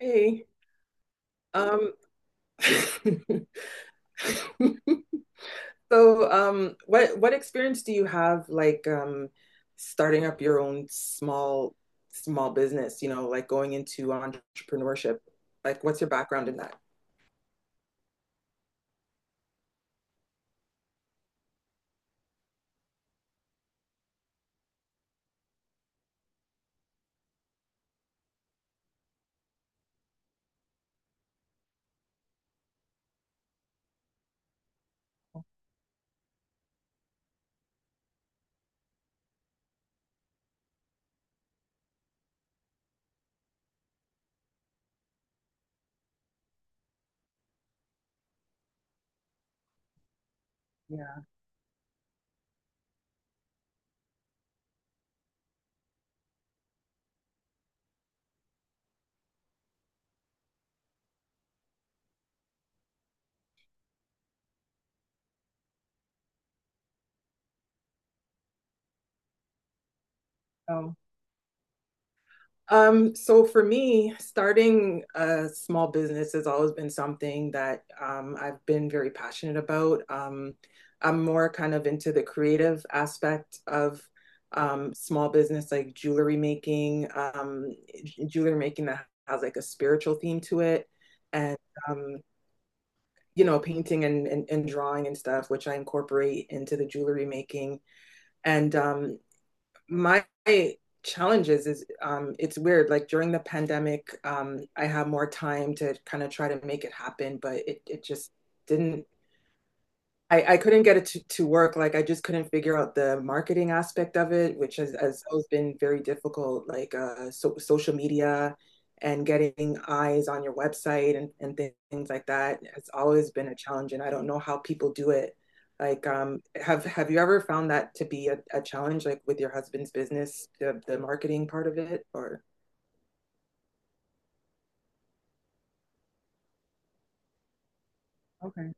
Hey, um, so what experience do you have like starting up your own small business? Like going into entrepreneurship. Like, what's your background in that? Yeah. Oh. So for me, starting a small business has always been something that I've been very passionate about. I'm more kind of into the creative aspect of small business, like jewelry making that has like a spiritual theme to it, and um, painting and drawing and stuff, which I incorporate into the jewelry making. And my challenges is it's weird. Like during the pandemic, I had more time to kind of try to make it happen, but it just didn't. I couldn't get it to work. Like I just couldn't figure out the marketing aspect of it, which has always been very difficult, like so, social media and getting eyes on your website and things like that. It's always been a challenge, and I don't know how people do it. Like, have you ever found that to be a challenge, like with your husband's business, the marketing part of it, or? Okay,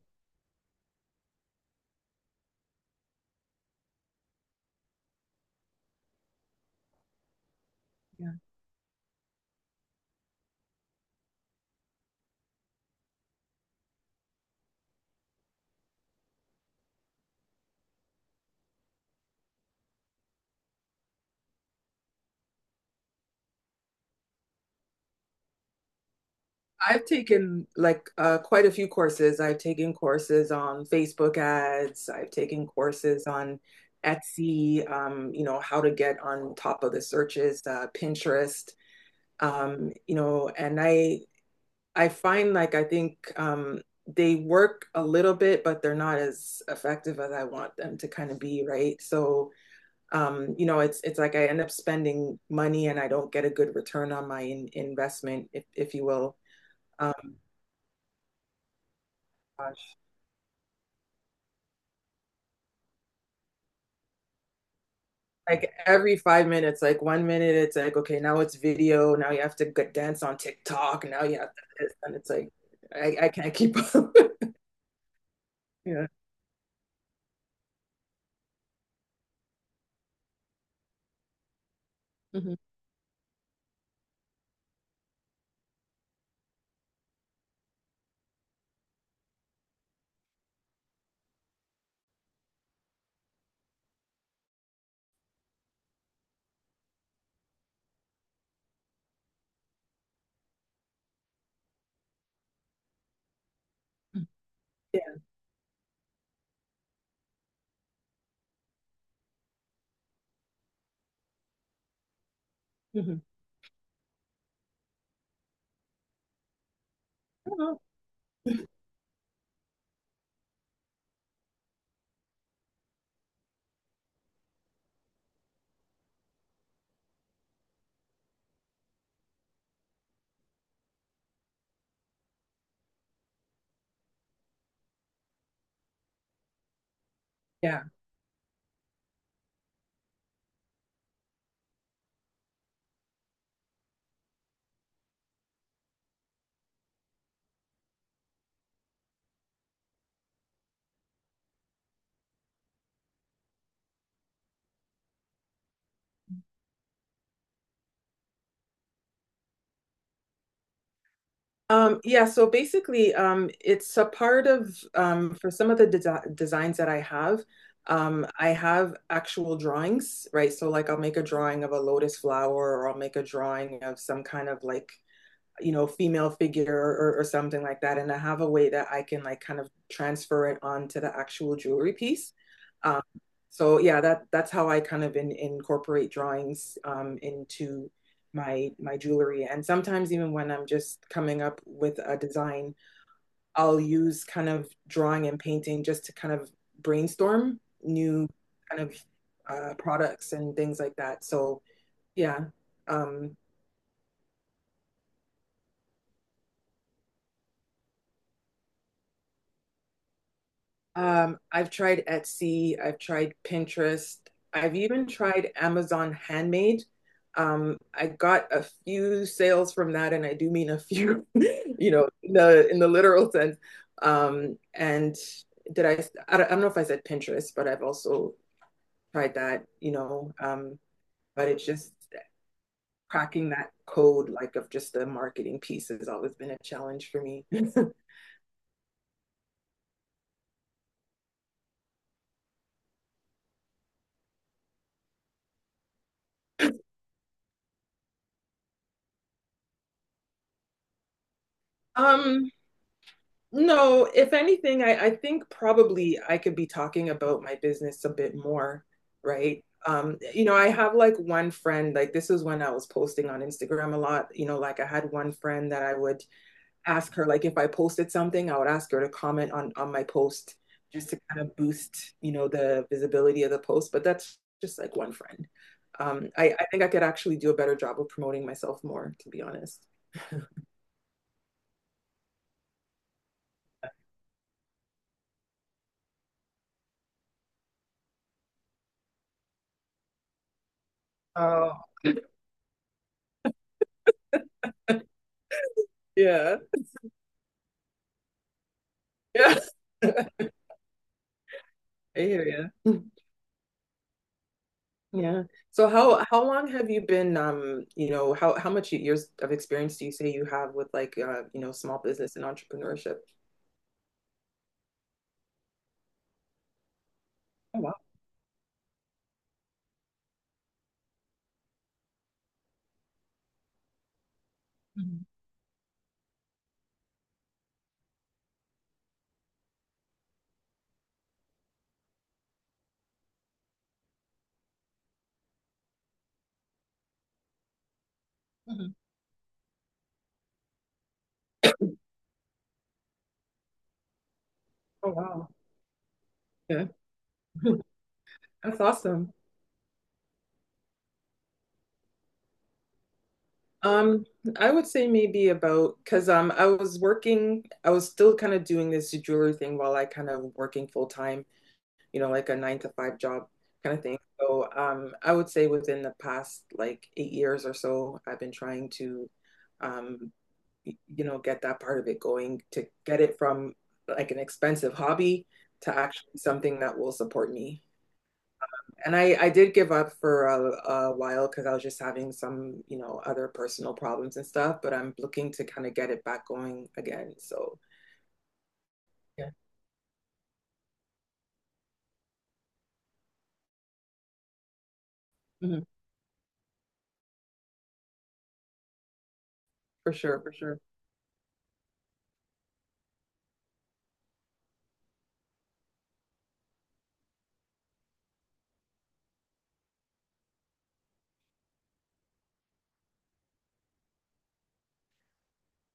yeah. I've taken like quite a few courses. I've taken courses on Facebook ads. I've taken courses on Etsy, how to get on top of the searches, Pinterest, and I find like I think they work a little bit, but they're not as effective as I want them to kind of be, right? So, it's like I end up spending money and I don't get a good return on my in investment, if you will. Um, Like every 5 minutes, like one minute, it's like, okay, now it's video. Now you have to go dance on TikTok. Now you have to this. And it's like, I can't keep up. Yeah. Mhm. Yeah. Mhm. Oh, yeah. Yeah, so basically, it's a part of for some of the designs that I have actual drawings, right? So like I'll make a drawing of a lotus flower or I'll make a drawing of some kind of like female figure or something like that and I have a way that I can like kind of transfer it onto the actual jewelry piece. um, so yeah, that's how I kind of incorporate drawings into my jewelry, and sometimes even when I'm just coming up with a design, I'll use kind of drawing and painting just to kind of brainstorm new kind of products and things like that, so yeah. um, I've tried Etsy, I've tried Pinterest, I've even tried Amazon Handmade. I got a few sales from that, and I do mean a few, in the literal sense. Um, and did I, I don't know if I said Pinterest, but I've also tried that, but it's just cracking that code like of just the marketing piece has always been a challenge for me. Um, No, if anything, I think probably I could be talking about my business a bit more, right? I have like one friend, like this is when I was posting on Instagram a lot, like I had one friend that I would ask her, like if I posted something, I would ask her to comment on my post just to kind of boost, the visibility of the post. But that's just like one friend. I think I could actually do a better job of promoting myself more, to be honest. Oh, yeah. Yeah. I hear you. Yeah. So how long have you been how much years of experience do you say you have with like small business and entrepreneurship? Oh wow. Mhm. Mhm. Oh wow. Yeah. That's awesome. Um, I would say maybe about because I was working, I was still kind of doing this jewelry thing while I kind of working full time. You know, like a nine to five job kind of thing. So I would say within the past like 8 years or so, I've been trying to, um, get that part of it going, to get it from like an expensive hobby to actually something that will support me. And I did give up for a while because I was just having some, other personal problems and stuff, but I'm looking to kind of get it back going again. So, yeah. Mhm. For sure, for sure.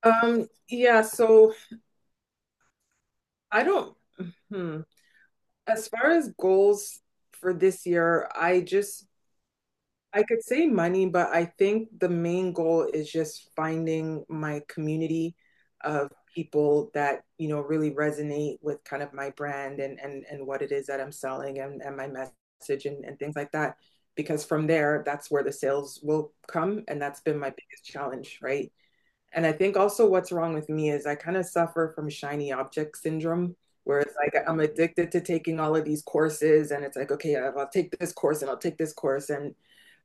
Yeah, so I don't. hmm. As far as goals for this year, I could say money, but I think the main goal is just finding my community of people that, really resonate with kind of my brand and what it is that I'm selling and my message and things like that. Because from there, that's where the sales will come. And that's been my biggest challenge, right? And I think also what's wrong with me is I kind of suffer from shiny object syndrome, where it's like I'm addicted to taking all of these courses, and it's like, okay, I'll take this course and I'll take this course. And,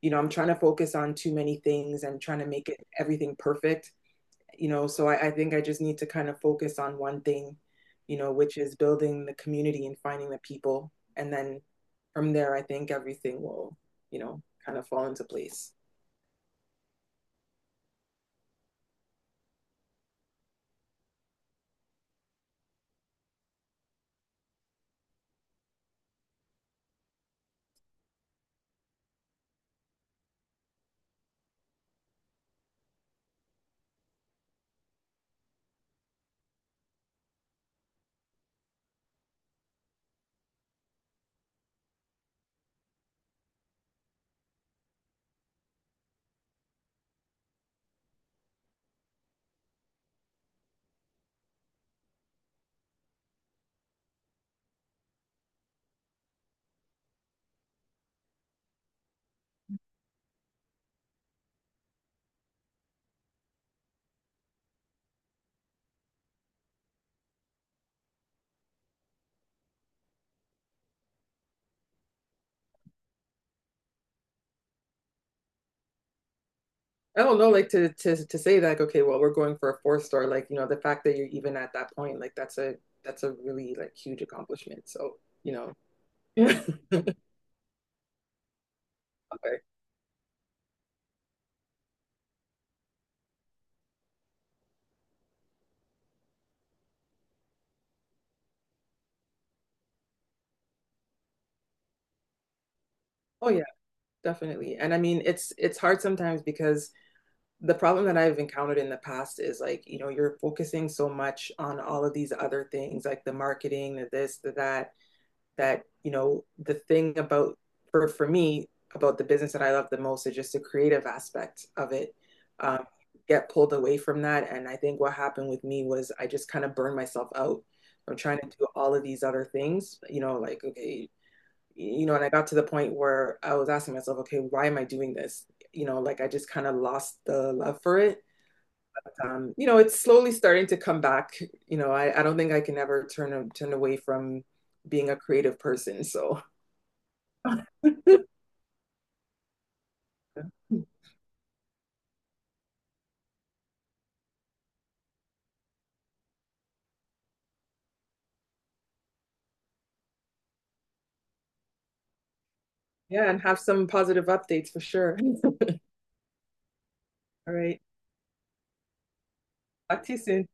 I'm trying to focus on too many things and trying to make it everything perfect. So I think I just need to kind of focus on one thing, which is building the community and finding the people. And then from there, I think everything will, kind of fall into place. I don't know, like to say that, like, okay, well, we're going for a four-star, like, the fact that you're even at that point, like that's a really like huge accomplishment. So, you know. Okay. Oh yeah, definitely. And I mean, it's hard sometimes because the problem that I've encountered in the past is like, you're focusing so much on all of these other things, like the marketing, the this, the that, that the thing about for me about the business that I love the most is just the creative aspect of it. Um, get pulled away from that, and I think what happened with me was I just kind of burned myself out. I'm trying to do all of these other things, like okay, and I got to the point where I was asking myself, okay, why am I doing this? Like I just kind of lost the love for it. It's slowly starting to come back. I don't think I can ever turn away from being a creative person. So yeah, and have some positive updates for sure. All right. Talk to you soon.